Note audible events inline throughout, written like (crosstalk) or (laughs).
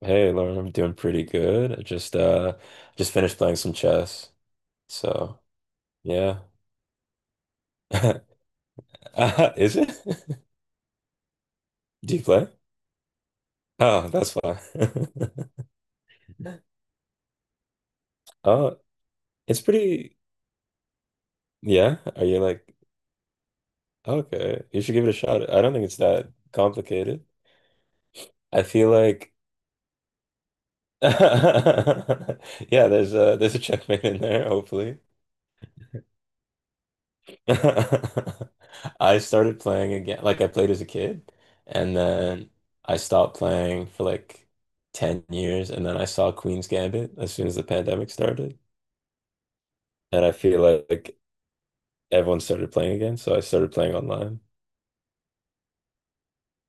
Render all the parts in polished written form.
Hey, Lauren, I'm doing pretty good. I just finished playing some chess. So, yeah. (laughs) Is it? (laughs) Do you play? Oh, that's fine. (laughs) Oh, it's pretty. Yeah. Are you like, okay, you should give it a shot. I don't think it's that complicated. I feel like, (laughs) yeah, there's a checkmate in there, hopefully. (laughs) I started playing again, like I played as a kid, and then I stopped playing for like 10 years, and then I saw Queen's Gambit as soon as the pandemic started, and I feel like, everyone started playing again, so I started playing online.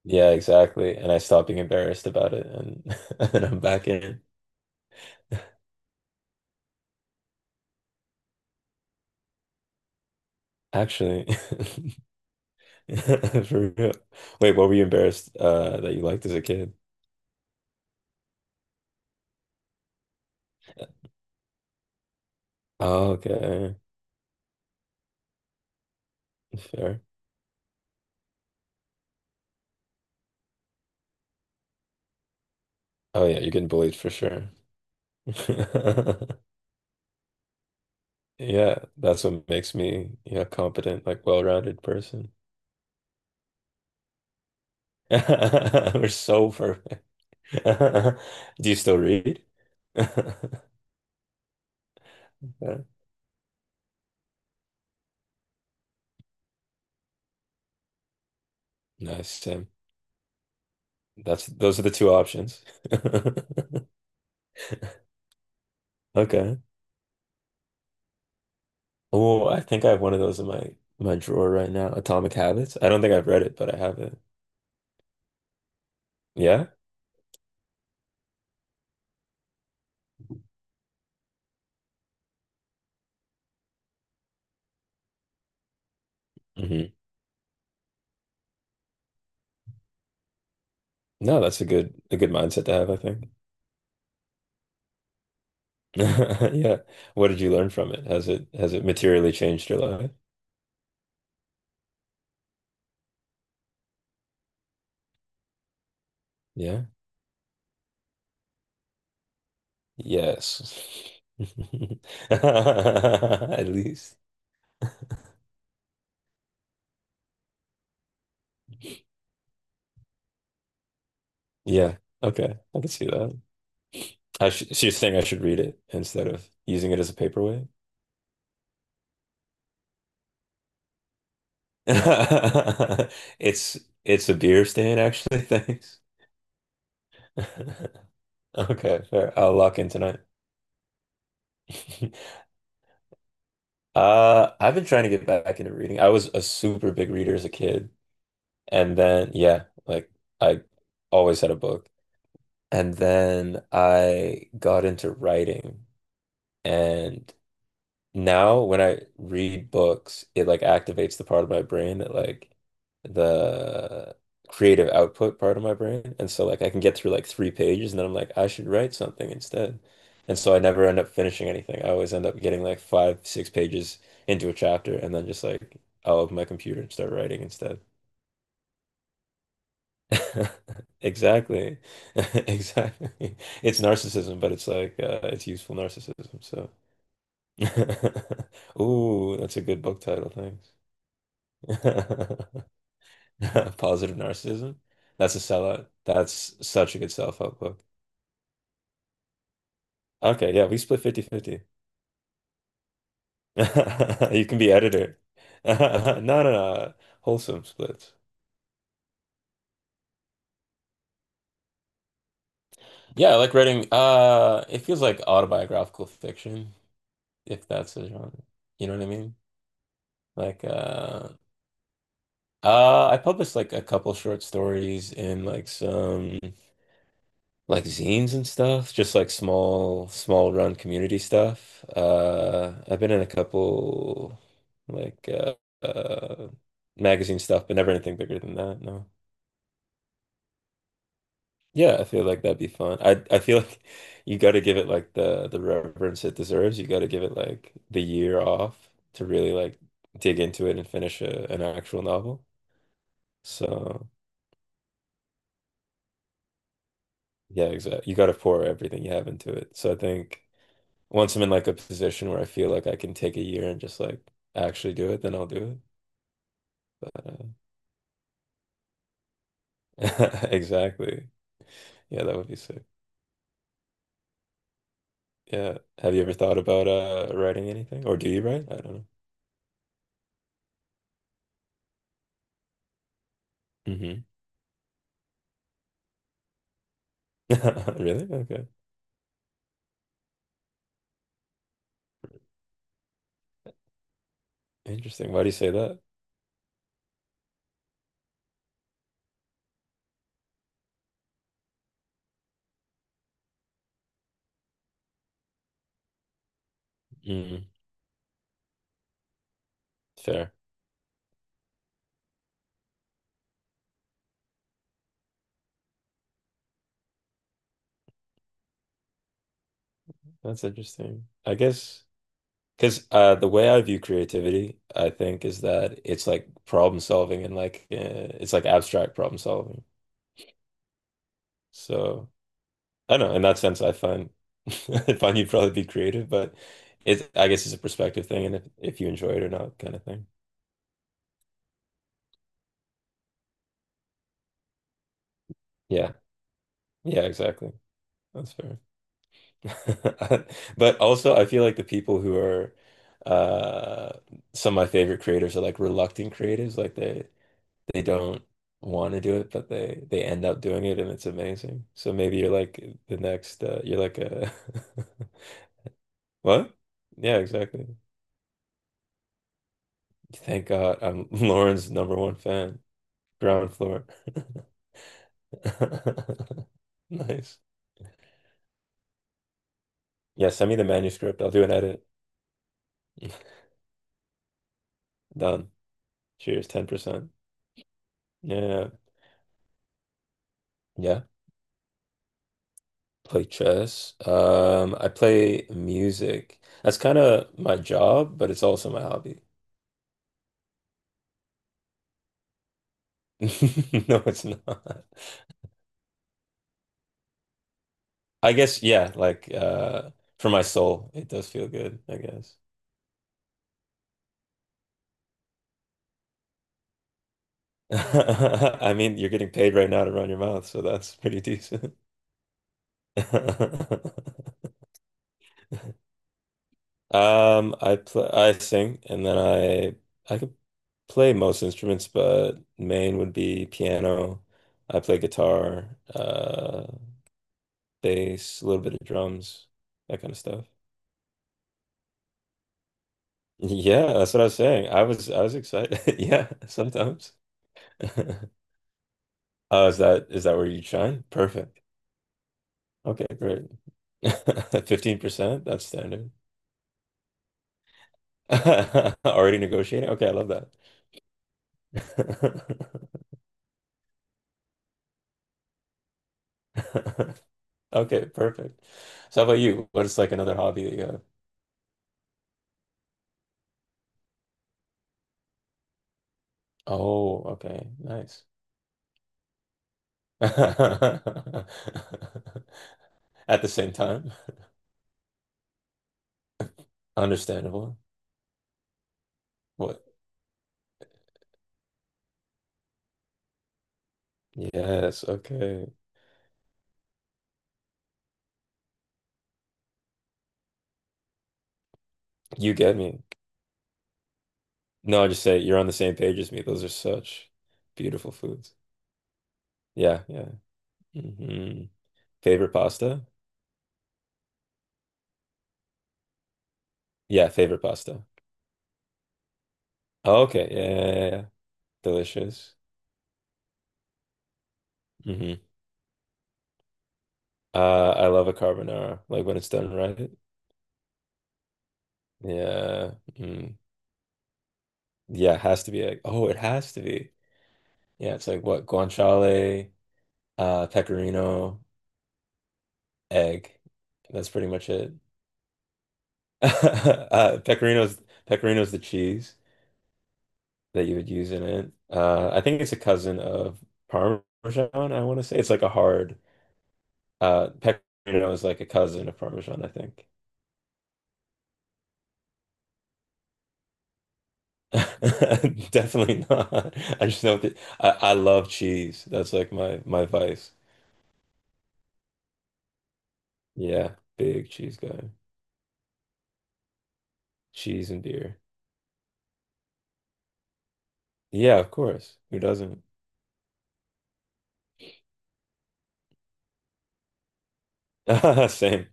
Yeah, exactly, and I stopped being embarrassed about it, and (laughs) and I'm back in. Actually, (laughs) for real. Wait, what were you embarrassed that you liked as a kid? Oh, okay, fair. Oh yeah, you're getting bullied for sure. (laughs) Yeah, that's what makes me, yeah, competent, like well-rounded person. (laughs) We're so perfect. (laughs) Do you still read? (laughs) Yeah. Nice, Tim. That's those are the two options. (laughs) Okay. Oh, I think I have one of those in my drawer right now. Atomic Habits. I don't think I've read it, but I have it. Yeah? Hmm. No, that's a good mindset to have, I think. (laughs) Yeah. What did you learn from it? Has it materially changed your life? Yeah. Yes. (laughs) At least. Yeah. Okay. I can see that. I sh she's saying I should read it instead of using it as a paperweight. (laughs) It's it's a beer stand actually. (laughs) Thanks. (laughs) Okay, fair. I'll lock in tonight. (laughs) I've been trying to get back into reading. I was a super big reader as a kid, and then yeah, like I always had a book, and then I got into writing, and now when I read books, it like activates the part of my brain that, like, the creative output part of my brain. And so like I can get through like three pages and then I'm like, I should write something instead. And so I never end up finishing anything. I always end up getting like five, six pages into a chapter and then just like I'll open my computer and start writing instead. (laughs) Exactly. (laughs) Exactly. It's narcissism, but it's like, it's useful narcissism. So. (laughs) Ooh, that's a good book title. Thanks. (laughs) Positive Narcissism. That's a sellout. That's such a good self-help book. Okay, yeah, we split 50/50. (laughs) You can be editor. (laughs) No, no, no. Wholesome splits. Yeah, I like writing. It feels like autobiographical fiction, if that's a genre. You know what I mean? Like, I published like a couple short stories and like some. Like zines and stuff, just like small run community stuff. I've been in a couple like uh, magazine stuff, but never anything bigger than that. No. Yeah, I feel like that'd be fun. I feel like (laughs) you got to give it like the reverence it deserves. You got to give it like the year off to really like dig into it and finish an actual novel. So yeah, exactly. You got to pour everything you have into it. So I think. Once I'm in like a position where I feel like I can take a year and just like actually do it, then I'll do it. But, (laughs) exactly. Yeah, that would be sick. Yeah. Have you ever thought about writing anything? Or do you write? I don't know. Mm-hmm. (laughs) Really? Okay. Interesting. Why do you say that? Mm, fair. That's interesting. I guess because the way I view creativity, I think, is that it's like problem solving and like, it's like abstract problem solving. So I don't know, in that sense, I find (laughs) I find you'd probably be creative, but it's, I guess, it's a perspective thing, and if you enjoy it or not, kind of thing. Yeah, yeah, exactly. That's fair. (laughs) But also, I feel like the people who are, uh, some of my favorite creators are like reluctant creatives, like they don't want to do it, but they end up doing it, and it's amazing. So maybe you're like the next, you're like a (laughs) what? Yeah, exactly. Thank God, I'm (laughs) Lauren's number one fan. Ground floor. (laughs) Nice. Yeah, send me the manuscript. I'll do an edit. (laughs) Done. Cheers, 10%. Yeah. Yeah. Play chess. I play music. That's kind of my job, but it's also my hobby. (laughs) No, it's not. I guess, yeah, like for my soul, it does feel good, I guess. (laughs) I mean, you're getting paid right now to run your mouth, so that's pretty decent. (laughs) I play, I sing, and then I could play most instruments, but main would be piano. I play guitar, bass, a little bit of drums, that kind of stuff. (laughs) Yeah, that's what I was saying. I was excited. (laughs) Yeah, sometimes. (laughs) Oh, is that where you shine? Perfect. Okay, great. (laughs) 15%, that's standard. (laughs) Already negotiating? Okay, I love that. (laughs) Okay, perfect. So how about you? What is like another hobby that you have? Oh, okay. Nice. (laughs) At the same time. Understandable. What? Yes, okay. You get me. No, I just say you're on the same page as me. Those are such beautiful foods. Yeah, yeah. Hmm. Favorite pasta? Yeah, favorite pasta. Okay, yeah, yeah, yeah. Yeah. Delicious. Hmm. I love a carbonara, like when it's done right. Yeah. Mm. Yeah, it has to be like, oh, it has to be. Yeah, it's like what? Guanciale, pecorino, egg. That's pretty much it. (laughs) Pecorino's the cheese that you would use in it. I think it's a cousin of Parmesan, I want to say. It's like a hard, pecorino is like a cousin of Parmesan, I think. (laughs) Definitely not. I just know that I love cheese. That's like my vice. Yeah, big cheese guy. Cheese and beer. Yeah, of course. Who doesn't? (laughs) Same.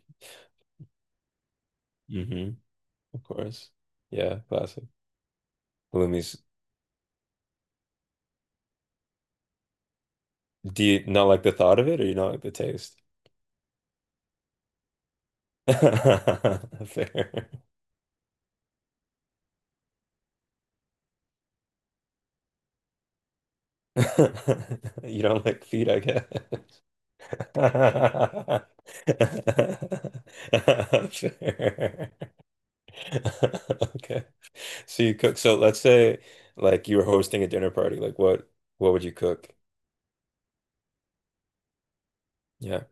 Hmm. Of course. Yeah, classic. Halloumi's. Do you not like the thought of it, or you not like the taste? (laughs) Fair. (laughs) You don't like feet, I guess. (laughs) Fair. (laughs) Okay. So you cook. So let's say, like, you were hosting a dinner party. Like, what would you cook? Yeah.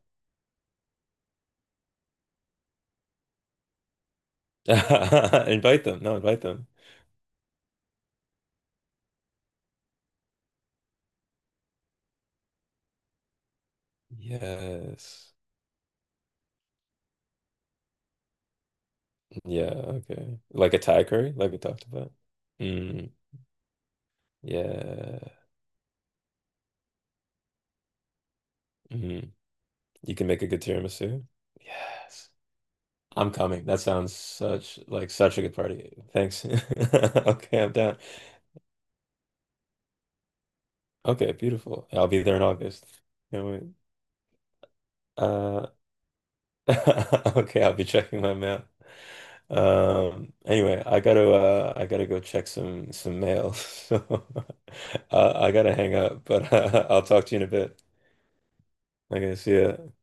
(laughs) Invite them. No, invite them. Yes. Yeah, okay. Like a Thai curry, like we talked about. Mm, yeah. Mm, you can make a good tiramisu. Yes. I'm coming. That sounds such, like, such a good party. Thanks. (laughs) Okay, I'm down. Okay, beautiful. I'll be there in August. Can't wait. Uh, (laughs) okay, I'll be checking my mail. Anyway, I gotta go check some mail. (laughs) So I gotta hang up, but (laughs) I'll talk to you in a bit. Okay, see ya.